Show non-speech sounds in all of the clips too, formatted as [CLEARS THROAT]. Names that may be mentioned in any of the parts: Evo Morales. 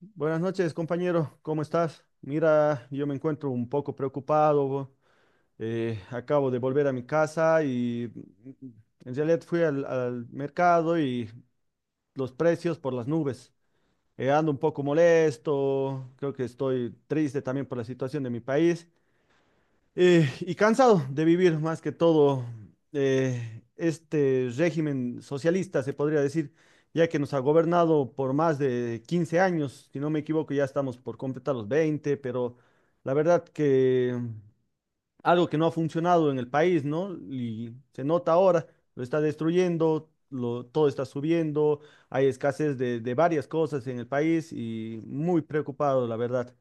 Buenas noches, compañero. ¿Cómo estás? Mira, yo me encuentro un poco preocupado. Acabo de volver a mi casa y en realidad fui al mercado y los precios por las nubes. Ando un poco molesto. Creo que estoy triste también por la situación de mi país. Y cansado de vivir más que todo este régimen socialista, se podría decir, ya que nos ha gobernado por más de 15 años, si no me equivoco, ya estamos por completar los 20, pero la verdad que algo que no ha funcionado en el país, ¿no? Y se nota ahora, lo está destruyendo, lo, todo está subiendo, hay escasez de varias cosas en el país y muy preocupado, la verdad.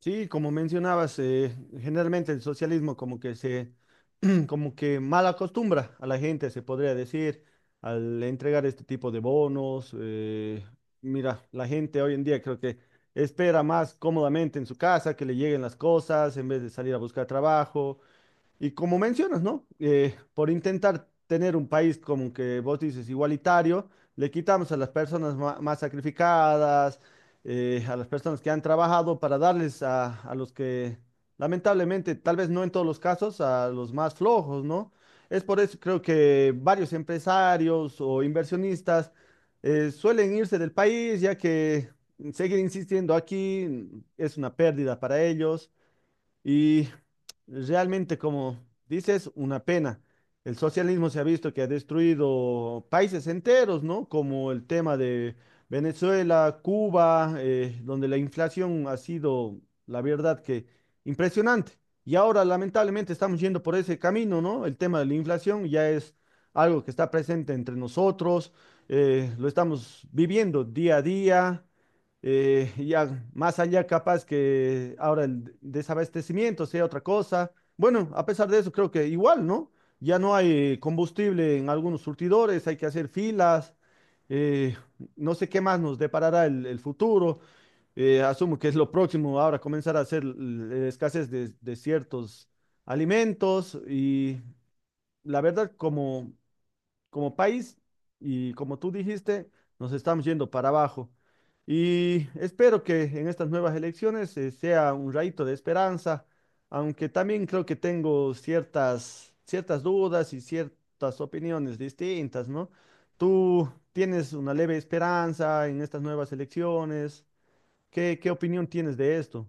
Sí, como mencionabas, generalmente el socialismo [CLEARS THROAT] como que mal acostumbra a la gente, se podría decir, al entregar este tipo de bonos. Mira, la gente hoy en día creo que espera más cómodamente en su casa que le lleguen las cosas en vez de salir a buscar trabajo. Y como mencionas, ¿no? Por intentar tener un país como que vos dices igualitario, le quitamos a las personas más sacrificadas, a las personas que han trabajado para darles a los que, lamentablemente, tal vez no en todos los casos, a los más flojos, ¿no? Es por eso creo que varios empresarios o inversionistas suelen irse del país, ya que seguir insistiendo aquí es una pérdida para ellos. Y realmente, como dices, una pena. El socialismo se ha visto que ha destruido países enteros, ¿no? Como el tema de Venezuela, Cuba, donde la inflación ha sido, la verdad, que impresionante. Y ahora, lamentablemente, estamos yendo por ese camino, ¿no? El tema de la inflación ya es algo que está presente entre nosotros, lo estamos viviendo día a día. Ya más allá capaz que ahora el desabastecimiento sea otra cosa. Bueno, a pesar de eso, creo que igual, ¿no? Ya no hay combustible en algunos surtidores, hay que hacer filas, eh, no sé qué más nos deparará el futuro. Asumo que es lo próximo ahora comenzar a hacer la escasez de ciertos alimentos y la verdad, como como país y como tú dijiste, nos estamos yendo para abajo. Y espero que en estas nuevas elecciones sea un rayito de esperanza, aunque también creo que tengo ciertas dudas y ciertas opiniones distintas, ¿no? ¿Tú tienes una leve esperanza en estas nuevas elecciones? Qué opinión tienes de esto?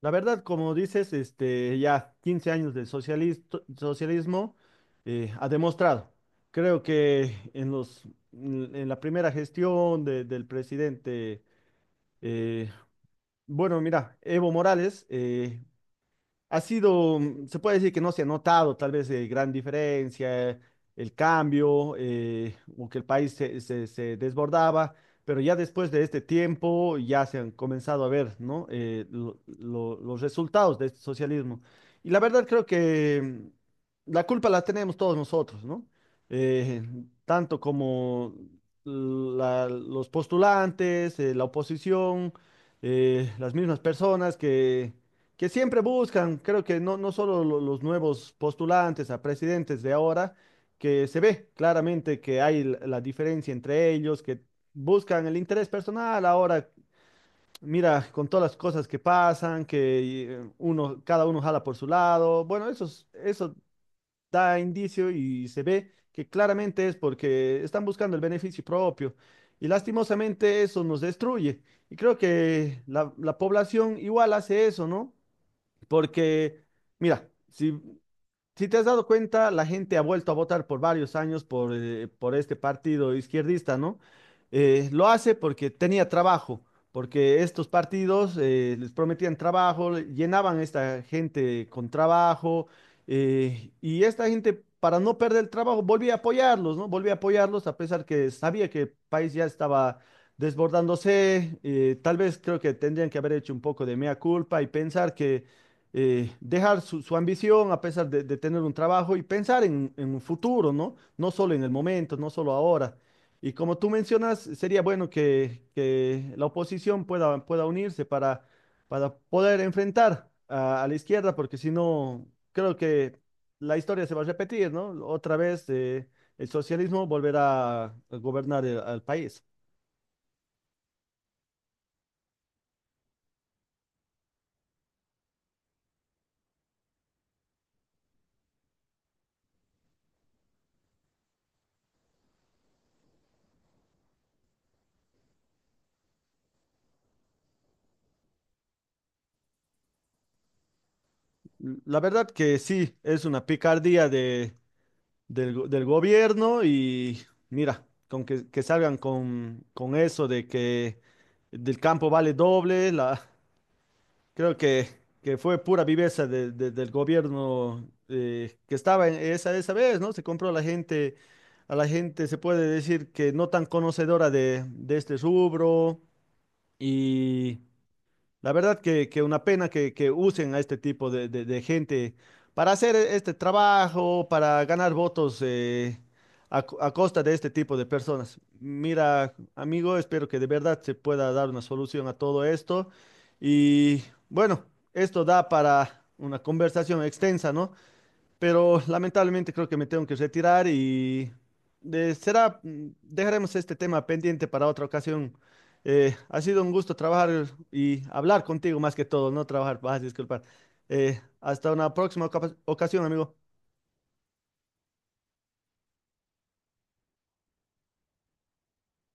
La verdad, como dices, este, ya 15 años de socialismo ha demostrado. Creo que en en la primera gestión del presidente, eh, bueno, mira, Evo Morales, ha sido, se puede decir que no se ha notado tal vez gran diferencia, el cambio, o que el país se, se desbordaba, pero ya después de este tiempo ya se han comenzado a ver, ¿no? Los resultados de este socialismo. Y la verdad creo que la culpa la tenemos todos nosotros, ¿no? Eh, Tanto como los postulantes, la oposición, las mismas personas que siempre buscan, creo que no, no solo los nuevos postulantes a presidentes de ahora, que se ve claramente que hay la diferencia entre ellos, que buscan el interés personal. Ahora mira con todas las cosas que pasan, que uno, cada uno jala por su lado, bueno, eso, eso da indicio y se ve que claramente es porque están buscando el beneficio propio. Y lastimosamente eso nos destruye. Y creo que la población igual hace eso, ¿no? Porque, mira, si te has dado cuenta, la gente ha vuelto a votar por varios años por este partido izquierdista, ¿no? Lo hace porque tenía trabajo, porque estos partidos les prometían trabajo, llenaban a esta gente con trabajo, y esta gente, para no perder el trabajo, volvía a apoyarlos, ¿no? Volvía a apoyarlos a pesar que sabía que el país ya estaba desbordándose. Tal vez creo que tendrían que haber hecho un poco de mea culpa y pensar que dejar su ambición a pesar de tener un trabajo y pensar en un futuro, ¿no? No solo en el momento, no solo ahora. Y como tú mencionas, sería bueno que la oposición pueda unirse para poder enfrentar a la izquierda, porque si no, creo que la historia se va a repetir, ¿no? Otra vez el socialismo volverá a gobernar al país. La verdad que sí, es una picardía de del gobierno y mira, con que salgan con eso de que del campo vale doble, la, creo que fue pura viveza del gobierno que estaba en esa, esa vez, ¿no? Se compró a la gente se puede decir que no tan conocedora de este rubro. La verdad que una pena que usen a este tipo de gente para hacer este trabajo, para ganar votos a, a costa de este tipo de personas. Mira, amigo, espero que de verdad se pueda dar una solución a todo esto. Y bueno, esto da para una conversación extensa, ¿no? Pero lamentablemente creo que me tengo que retirar y será, dejaremos este tema pendiente para otra ocasión. Ha sido un gusto trabajar y hablar contigo más que todo, no trabajar, vas a disculpar. Hasta una próxima ocasión, amigo.